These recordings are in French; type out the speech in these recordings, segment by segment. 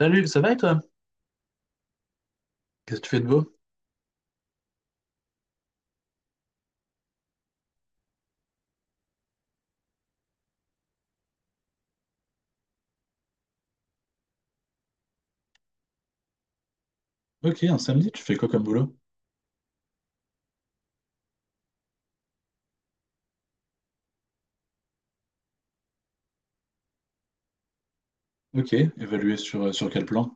Salut, ça va et toi? Qu'est-ce que tu fais de beau? Ok, un samedi, tu fais quoi comme boulot? Ok, évalué sur, sur quel plan?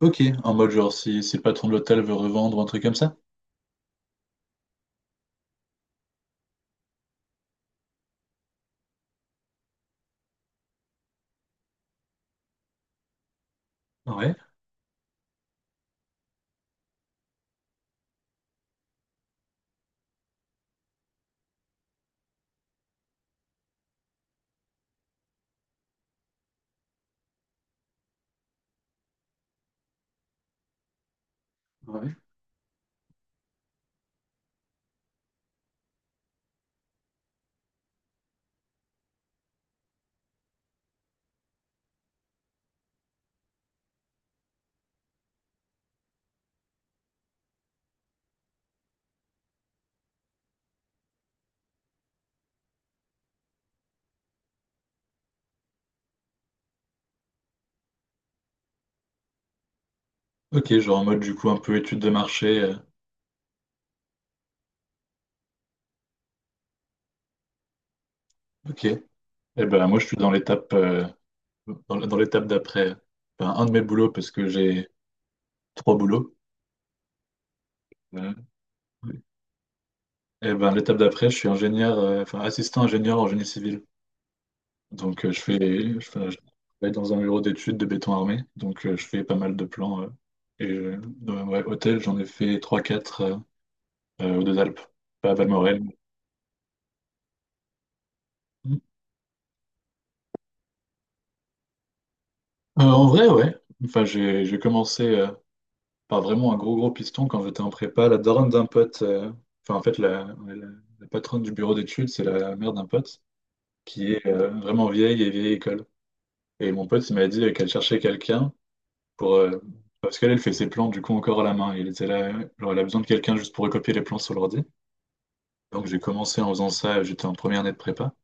Ok, en mode genre si le patron de l'hôtel veut revendre ou un truc comme ça? Ouais, ouais. Ok, genre en mode du coup un peu étude de marché. Ok. Eh ben moi je suis dans l'étape dans l'étape d'après. Enfin, un de mes boulots parce que j'ai trois boulots. Euh, Ouais. Eh ben l'étape d'après, je suis ingénieur, enfin assistant ingénieur en génie civil. Donc, je travaille dans un bureau d'études de béton armé. Donc, je fais pas mal de plans. Et dans, ouais, hôtel, j'en ai fait trois quatre aux Deux Alpes, à Valmorel. En vrai, ouais. Enfin, j'ai commencé par vraiment un gros, gros piston quand j'étais en prépa. La daronne d'un pote, enfin, en fait, ouais, la patronne du bureau d'études, c'est la mère d'un pote qui est vraiment vieille et vieille école. Et mon pote, il m'a dit qu'elle cherchait quelqu'un pour, parce qu'elle fait ses plans du coup encore à la main. Il était là, genre, elle a besoin de quelqu'un juste pour recopier les plans sur l'ordi. Donc j'ai commencé en faisant ça, j'étais en première année de prépa.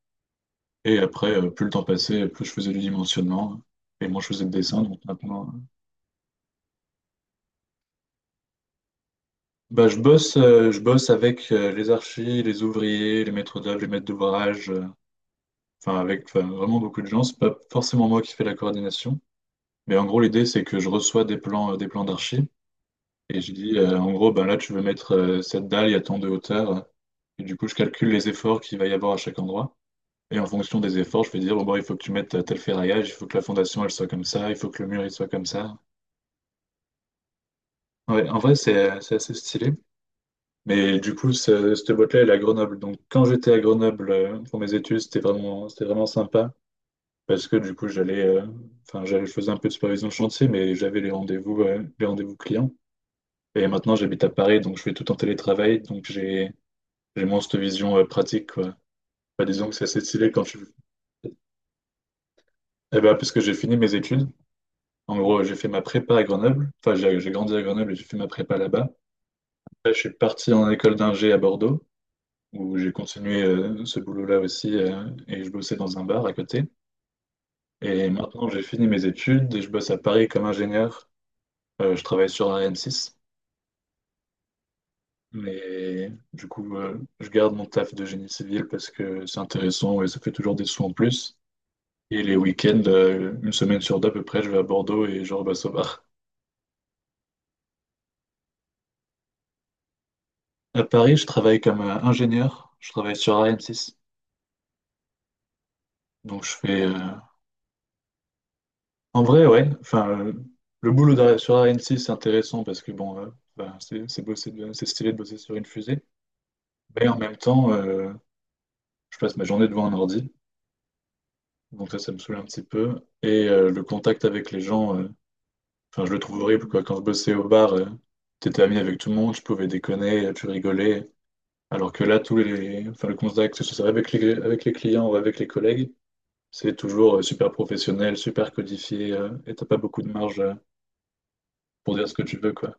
Et après, plus le temps passait, plus je faisais du dimensionnement. Et moi, je faisais le dessin. Donc maintenant, bah, je bosse avec les archis, les ouvriers, les maîtres d'œuvre, les maîtres d'ouvrage. Enfin, avec, enfin, vraiment beaucoup de gens. C'est pas forcément moi qui fais la coordination. Mais en gros, l'idée, c'est que je reçois des plans d'archi. Et je dis, en gros, ben là, tu veux mettre cette dalle, il y a tant de hauteur. Et du coup, je calcule les efforts qu'il va y avoir à chaque endroit. Et en fonction des efforts, je vais dire, oh, bon, bah, il faut que tu mettes tel ferraillage, il faut que la fondation, elle soit comme ça, il faut que le mur, il soit comme ça. Ouais, en vrai, c'est assez stylé. Mais du coup, cette boîte-là, elle est à Grenoble. Donc, quand j'étais à Grenoble pour mes études, c'était vraiment sympa. Parce que du coup, j'allais, enfin, j'allais, je faisais un peu de supervision de chantier, mais j'avais les rendez-vous clients. Et maintenant, j'habite à Paris, donc je fais tout en télétravail. Donc, j'ai moins cette vision, pratique, quoi. Bah, disons que c'est assez stylé quand tu, eh ben, puisque j'ai fini mes études, en gros, j'ai fait ma prépa à Grenoble. Enfin, j'ai grandi à Grenoble et j'ai fait ma prépa là-bas. Après, je suis parti en école d'ingé à Bordeaux, où j'ai continué ce boulot-là aussi, et je bossais dans un bar à côté. Et maintenant, j'ai fini mes études et je bosse à Paris comme ingénieur. Je travaille sur Ariane 6, mais du coup, je garde mon taf de génie civil parce que c'est intéressant et ça fait toujours des sous en plus. Et les week-ends, une semaine sur deux à peu près, je vais à Bordeaux et je rebosse au bar. À Paris, je travaille comme ingénieur. Je travaille sur Ariane 6. Donc, je fais. En vrai, ouais. Enfin, le boulot sur Ariane 6, c'est intéressant parce que, bon, ben, c'est stylé de bosser sur une fusée. Mais en même temps, je passe ma journée devant un ordi. Donc, ça me saoule un petit peu. Et le contact avec les gens, enfin, je le trouve horrible, quoi. Quand je bossais au bar, t'étais ami avec tout le monde, tu pouvais déconner, tu rigolais. Alors que là, enfin, le contact, que ce soit avec les clients ou avec les collègues, c'est toujours super professionnel, super codifié, et t'as pas beaucoup de marge pour dire ce que tu veux, quoi.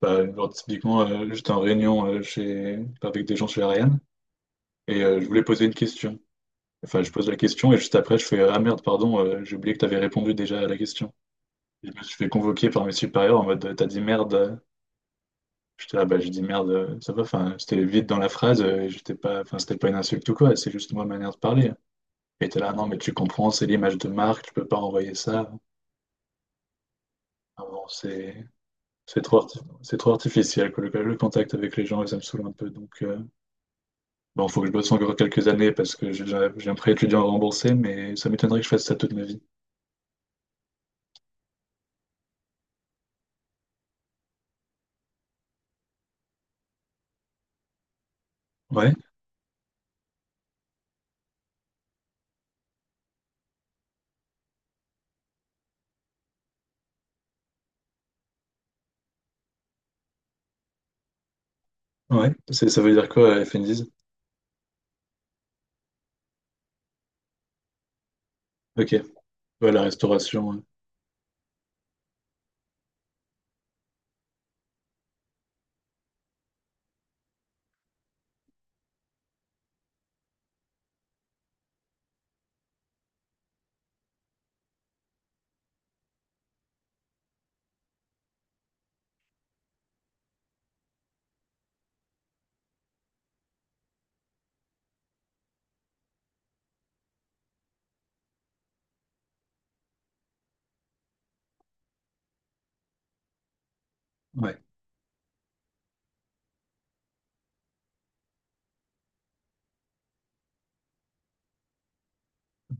Bah, genre, typiquement, j'étais en réunion chez... avec des gens chez Ariane, et je voulais poser une question. Enfin, je pose la question, et juste après, je fais «Ah merde, pardon, j'ai oublié que t'avais répondu déjà à la question». Je me suis fait convoquer par mes supérieurs en mode «T'as dit merde». J'étais là, bah, j'ai dit «Merde, ça va». Enfin, c'était vite dans la phrase, et j'étais pas... Enfin, c'était pas une insulte ou quoi, c'est juste moi, ma manière de parler. Et t'es là «Non, mais tu comprends, c'est l'image de marque, tu peux pas envoyer ça». Ah bon, c'est... C'est trop, c'est trop artificiel, que le contact avec les gens, et ça me saoule un peu. Donc, bon, faut que je bosse encore quelques années parce que j'ai un prêt étudiant à rembourser, mais ça m'étonnerait que je fasse ça toute ma vie. Ouais, ouais. Ça veut dire quoi, FNDIS? Ok. Ouais, la restauration. Ouais,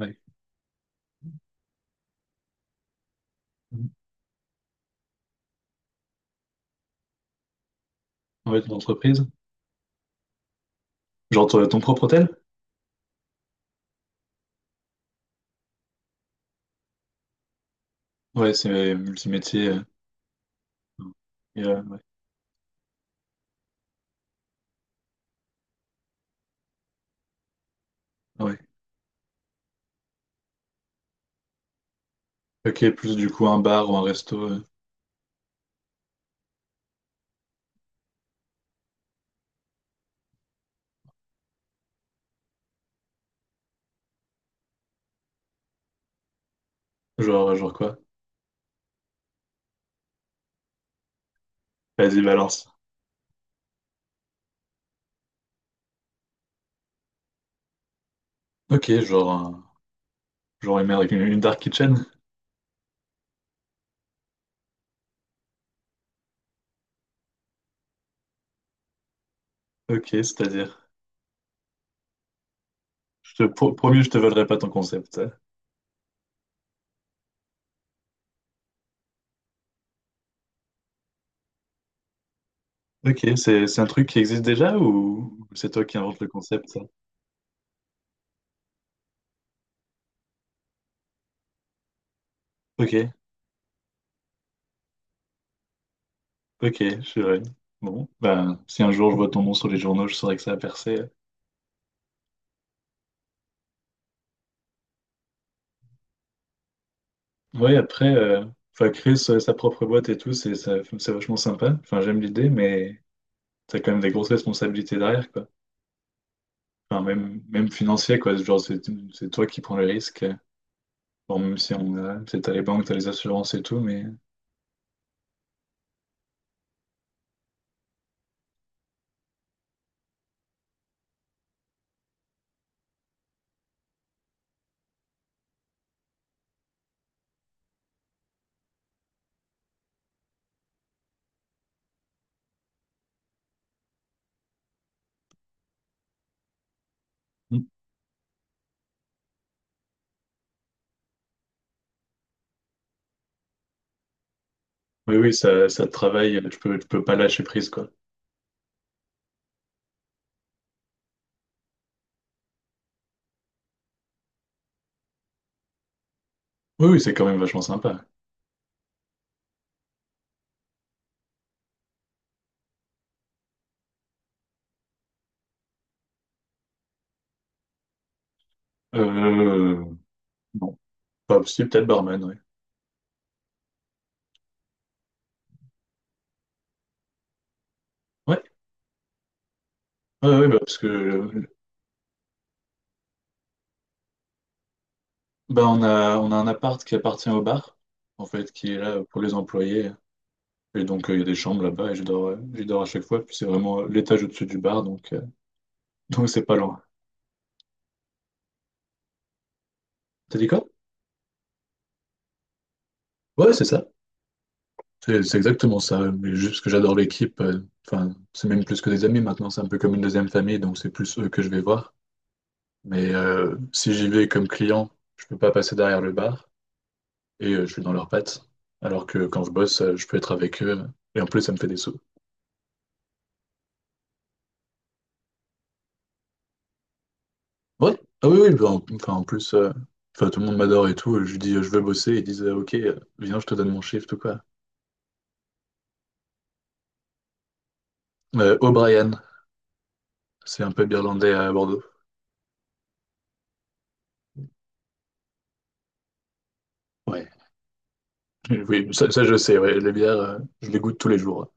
ouais. Ouais, ton entreprise. Genre ton propre hôtel? Ouais, c'est multimétier. Et, ouais. Ouais. Ok, plus du coup un bar ou un resto. Genre, genre quoi? Vas-y, balance. Ok, genre, genre une dark kitchen. Ok, c'est-à-dire. Je te, promis, je te volerai pas ton concept. Ok, c'est un truc qui existe déjà ou c'est toi qui inventes le concept, ça? Ok, ok, je suis vrai. Bon, ben, si un jour je vois ton nom sur les journaux, je saurais que ça a percé. Oui, après, enfin, créer sa propre boîte et tout, c'est vachement sympa. Enfin, j'aime l'idée, mais t'as quand même des grosses responsabilités derrière, quoi. Enfin, même, même financier, quoi. Genre, c'est toi qui prends le risque. Bon, même si on a, c'est t'as les banques, t'as les assurances et tout, mais Mm. Oui, oui, ça te travaille, tu peux pas lâcher prise, quoi. Oui, oui, c'est quand même vachement sympa. Euh, non, pas si, peut-être barman, oui. Ouais, ouais, ouais, ouais, bah, parce que bah, on a un appart qui appartient au bar, en fait, qui est là pour les employés. Et donc, il y a des chambres là-bas et je dors, j'y dors à chaque fois. Puis c'est vraiment l'étage au-dessus du bar, donc c'est pas loin. T'as dit quoi? Ouais, c'est ça. C'est exactement ça. Mais juste parce que j'adore l'équipe, enfin, c'est même plus que des amis maintenant, c'est un peu comme une deuxième famille, donc c'est plus eux que je vais voir. Mais si j'y vais comme client, je peux pas passer derrière le bar. Et je suis dans leurs pattes. Alors que quand je bosse, je peux être avec eux et en plus, ça me fait des sous. Ouais, ah oui, oui, bah, enfin, en plus, enfin, tout le monde m'adore et tout. Je lui dis, je veux bosser. Ils disent, ok, viens, je te donne mon shift ou quoi. O'Brien, c'est un pub irlandais à Bordeaux. Ouais, oui, ça, je sais, ouais, les bières, je les goûte tous les jours.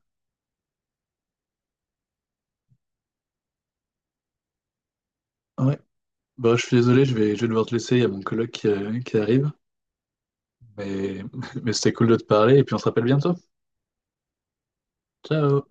Ouais, bah, je suis désolé, je vais devoir te laisser. Il y a mon coloc qui arrive. Mais, mais c'était cool de te parler et puis on se rappelle bientôt. Ciao!